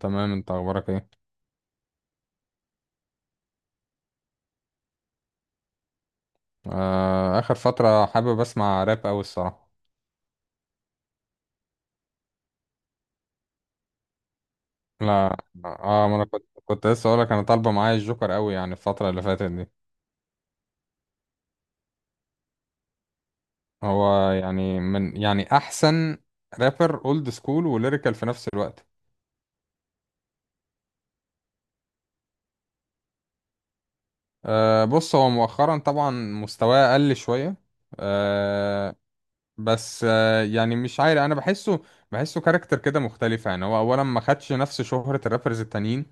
تمام، انت اخبارك ايه؟ آه اخر فتره حابب اسمع راب قوي الصراحه. لا. اه، ما انا كنت لسه اقول لك انا طالبه معايا الجوكر قوي يعني الفتره اللي فاتت دي. هو يعني من يعني احسن رابر اولد سكول وليريكال في نفس الوقت. آه بص، هو مؤخرا طبعا مستواه قل شويه. آه. بس يعني مش عارف انا بحسه بحسه كاركتر كده مختلفه، يعني هو اولا ما خدش نفس شهره الرابرز التانيين.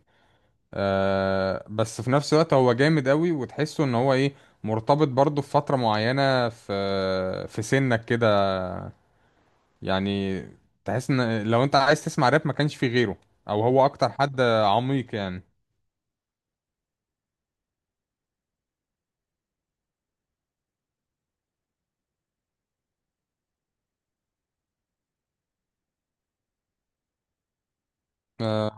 آه بس في نفس الوقت هو جامد قوي وتحسه ان هو ايه، مرتبط برضه في فترة معينة في سنك كده يعني. تحس ان لو انت عايز تسمع راب ما كانش في غيره، او هو اكتر حد عميق يعني. اه،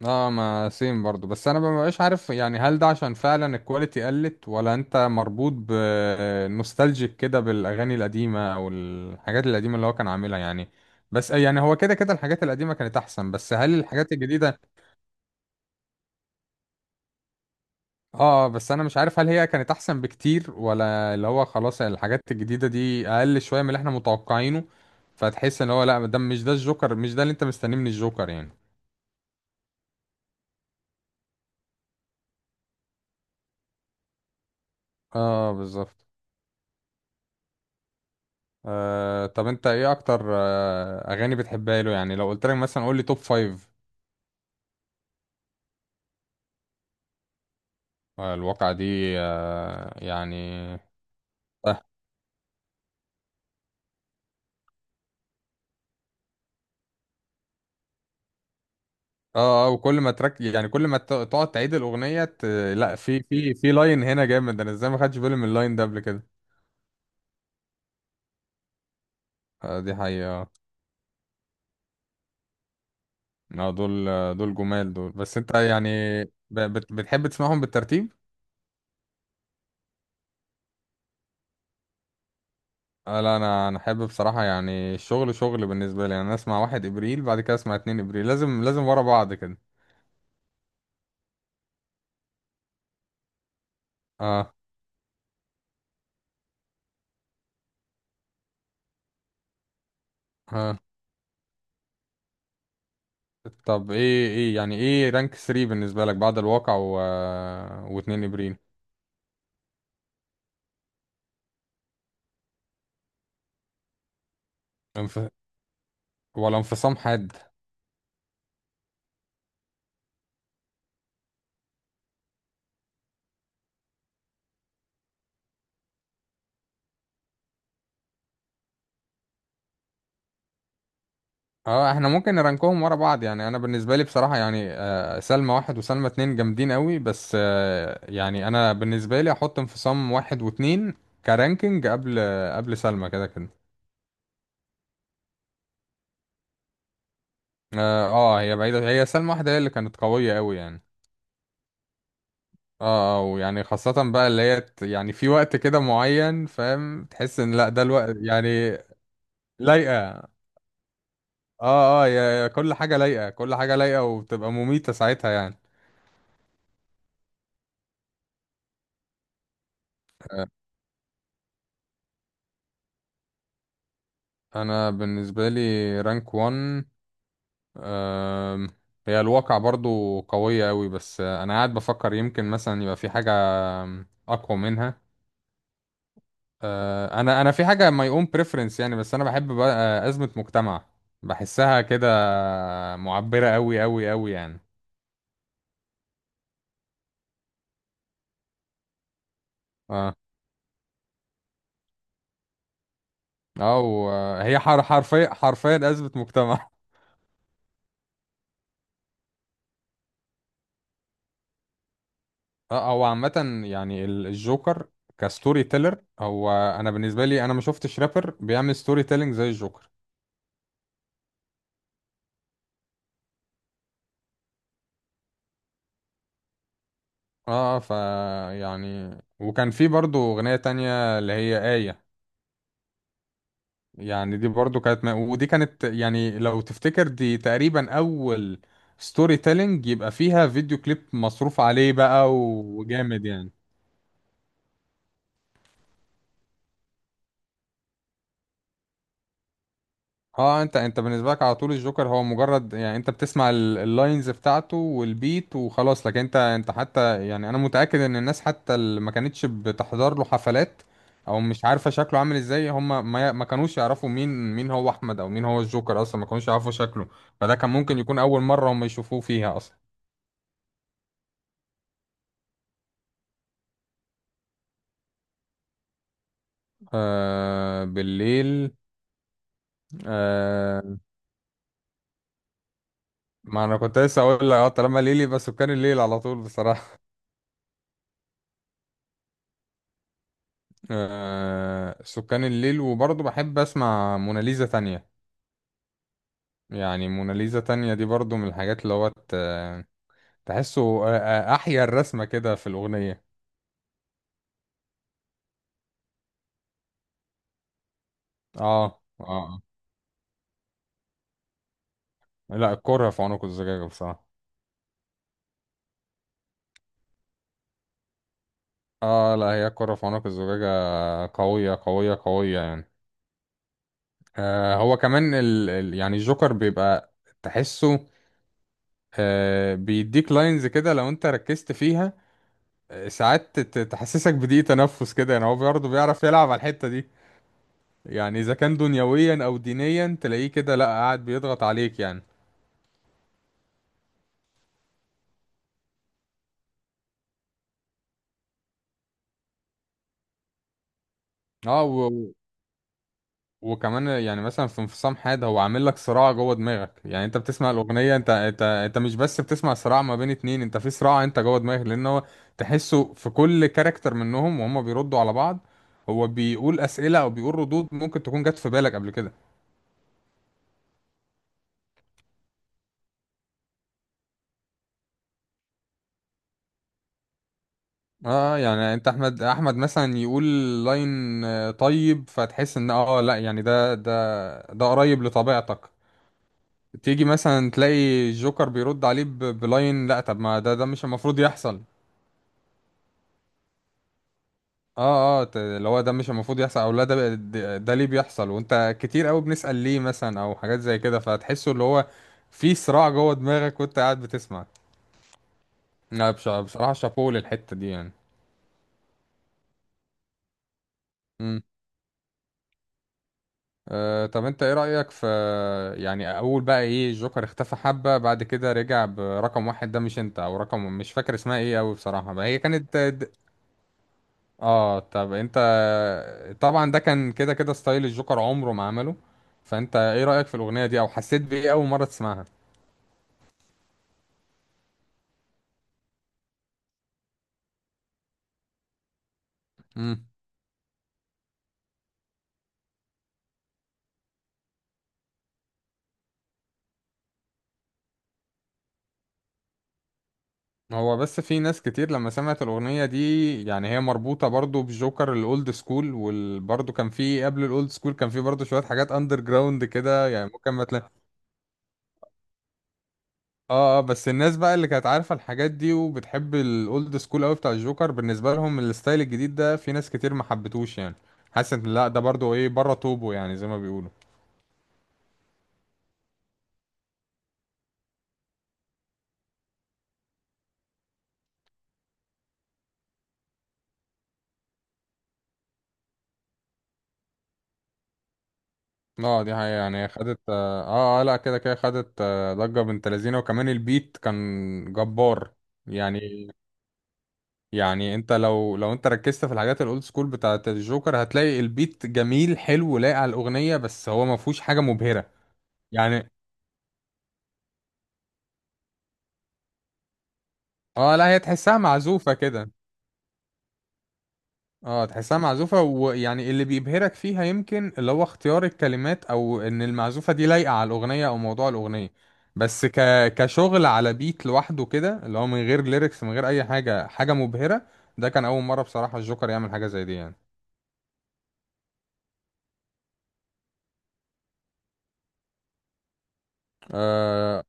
ما سيم برضو، بس انا ما بقاش عارف يعني هل ده عشان فعلا الكواليتي قلت ولا انت مربوط بنوستالجيك كده بالاغاني القديمه او الحاجات القديمه اللي هو كان عاملها يعني. بس يعني هو كده كده الحاجات القديمه كانت احسن، بس هل الحاجات الجديده؟ اه بس انا مش عارف هل هي كانت احسن بكتير ولا اللي هو خلاص الحاجات الجديدة دي اقل شوية من اللي احنا متوقعينه، فتحس ان هو لا ده مش ده الجوكر، مش ده اللي انت مستنيه من الجوكر يعني. اه بالظبط. آه طب انت ايه اكتر اغاني بتحبها له يعني؟ لو قلت لك مثلا قول لي توب فايف. آه الواقعة دي. آه يعني. اه اه. وكل ما ترك يعني كل ما تقعد تعيد الاغنية لا في في لاين هنا جامد. انا ازاي ما خدتش بالي من اللاين ده قبل كده؟ آه دي حقيقة. اه دول. دول جمال دول، بس انت يعني بتحب تسمعهم بالترتيب؟ آه لا انا احب بصراحه يعني، الشغل شغل بالنسبه لي، يعني انا اسمع واحد ابريل بعد كده اسمع اتنين ابريل، لازم ورا بعض كده. اه اه. طب ايه رانك 3 بالنسبه لك بعد الواقع و... واتنين ابريل؟ انف... ولا انفصام حاد؟ اه احنا ممكن نرانكهم ورا بعض. يعني انا بالنسبه لي بصراحه يعني، سلمى واحد وسلمى اتنين جامدين قوي، بس يعني انا بالنسبه لي احط انفصام واحد واتنين كرانكينج قبل قبل سلمى كده كده. اه هي بعيده، هي سلمى واحده هي اللي كانت قويه قوي يعني. اه ويعني خاصه بقى اللي هي يعني في وقت كده معين فاهم، تحس ان لا ده الوقت يعني. لايقه. اه اه، يا كل حاجه لايقه، كل حاجه لايقه وبتبقى مميته ساعتها يعني. آه، انا بالنسبه لي رانك 1. أم، هي الواقع برضو قوية أوي، بس أنا قاعد بفكر يمكن مثلا يبقى في حاجة أقوى منها. أنا في حاجة my own preference يعني، بس أنا بحب بقى أزمة مجتمع، بحسها كده معبرة أوي أوي أوي يعني. اه أو هي حرفيا حرفيا أزمة مجتمع. اه هو عامة يعني الجوكر كستوري تيلر. هو أنا بالنسبة لي، أنا ما شفتش رابر بيعمل ستوري تيلينج زي الجوكر. اه ف، يعني وكان في برضو اغنية تانية اللي هي آية، يعني دي برضو كانت ودي كانت يعني لو تفتكر دي تقريبا اول ستوري تيلينج يبقى فيها فيديو كليب مصروف عليه بقى وجامد يعني. اه انت بالنسبه لك على طول الجوكر هو مجرد يعني انت بتسمع اللاينز بتاعته والبيت وخلاص، لكن انت حتى يعني انا متاكد ان الناس حتى اللي ما كانتش بتحضر له حفلات او مش عارفه شكله عامل ازاي، هم ما كانوش يعرفوا مين هو احمد او مين هو الجوكر، اصلا ما كانوش يعرفوا شكله، فده كان ممكن يكون اول مره هم يشوفوه فيها اصلا. آه بالليل. آه ما انا كنت لسه اقول لك، اه طالما ليلي، بس كان الليل على طول بصراحه. آه سكان الليل، وبرضه بحب اسمع موناليزا تانية يعني. موناليزا تانية دي برضه من الحاجات اللي هو تحسه احيا الرسمة كده في الأغنية. اه اه آه. لا، الكرة في عنق الزجاجة بصراحة. اه لا هي الكرة في عنق الزجاجة قوية قوية قوية يعني. آه هو كمان ال ال يعني الجوكر بيبقى تحسه آه بيديك لاينز كده لو انت ركزت فيها، ساعات تحسسك بضيق تنفس كده يعني، هو برضه بيعرف يلعب على الحتة دي يعني، اذا كان دنيويا او دينيا تلاقيه كده لا قاعد بيضغط عليك يعني. اه و... وكمان يعني مثلا في انفصام حاد، هو عامل لك صراع جوه دماغك. يعني انت بتسمع الاغنيه، انت مش بس بتسمع صراع ما بين اتنين، انت في صراع انت جوه دماغك، لان هو تحسه في كل كاركتر منهم وهم بيردوا على بعض. هو بيقول اسئله او بيقول ردود ممكن تكون جت في بالك قبل كده. اه يعني انت احمد مثلا يقول لاين طيب، فتحس ان اه لا يعني ده قريب لطبيعتك. تيجي مثلا تلاقي الجوكر بيرد عليه بلاين لا طب ما ده مش المفروض يحصل. اه اه اللي هو ده مش المفروض يحصل، او لا ده بقى- ده ده ليه بيحصل، وانت كتير قوي بنسأل ليه مثلا او حاجات زي كده، فتحسه اللي هو في صراع جوه دماغك وانت قاعد بتسمع. لا بصراحة شابوه للحتة دي يعني. امم. آه طب انت ايه رأيك في يعني اول بقى ايه، الجوكر اختفى حبة بعد كده رجع برقم واحد ده مش انت، او رقم مش فاكر اسمها ايه قوي بصراحة بقى، هي كانت. اه طب انت، طبعا ده كان كده كده ستايل الجوكر عمره ما عمله. فانت ايه رأيك في الأغنية دي او حسيت بإيه اول مرة تسمعها؟ امم. هو بس في ناس كتير لما سمعت الأغنية دي، يعني هي مربوطة برضو بجوكر الأولد سكول، وبرضو كان في قبل الأولد سكول، كان في برضو شوية حاجات أندر جراوند كده يعني، ممكن ما تلاقي. اه اه بس الناس بقى اللي كانت عارفة الحاجات دي وبتحب الأولد سكول قوي بتاع الجوكر، بالنسبة لهم الستايل الجديد ده في ناس كتير ما حبتوش يعني، حاسس ان لا ده برضو ايه بره طوبه يعني زي ما بيقولوا. اه دي حقيقة، يعني هي خدت اه اه لا كده كده خدت ضجة بنت لذينة، وكمان البيت كان جبار يعني. يعني انت لو انت ركزت في الحاجات الاولد سكول بتاعت الجوكر هتلاقي البيت جميل حلو لايق على الأغنية، بس هو ما فيهوش حاجة مبهرة يعني. اه لا هي تحسها معزوفة كده. اه تحسها معزوفة، ويعني اللي بيبهرك فيها يمكن اللي هو اختيار الكلمات، او ان المعزوفة دي لايقة على الاغنية او موضوع الاغنية. بس كشغل على بيت لوحده كده اللي هو من غير ليركس من غير اي حاجة، حاجة مبهرة، ده كان اول مرة بصراحة الجوكر يعمل حاجة زي دي يعني. آه،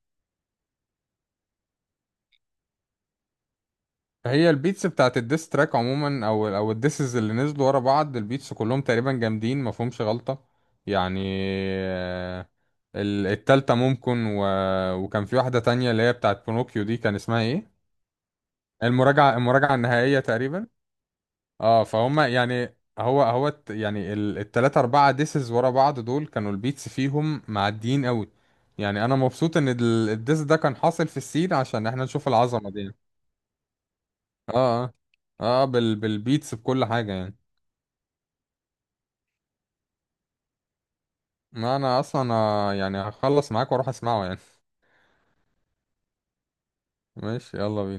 هي البيتس بتاعت الديس تراك عموما او الديسز اللي نزلوا ورا بعض البيتس كلهم تقريبا جامدين ما فيهمش غلطة يعني. آه، التالتة ممكن و... وكان في واحدة تانية اللي هي بتاعت بونوكيو، دي كان اسمها ايه، المراجعة، المراجعة النهائية تقريبا. اه فهم يعني يعني التلاتة أربعة ديسز ورا بعض دول كانوا البيتس فيهم معديين قوي يعني. أنا مبسوط إن الديس ده كان حاصل في السين عشان احنا نشوف العظمة دي. اه اه. اه بالبيتس بكل حاجة يعني. ما انا اصلا يعني هخلص معاك واروح اسمعه يعني. ماشي، يلا بينا.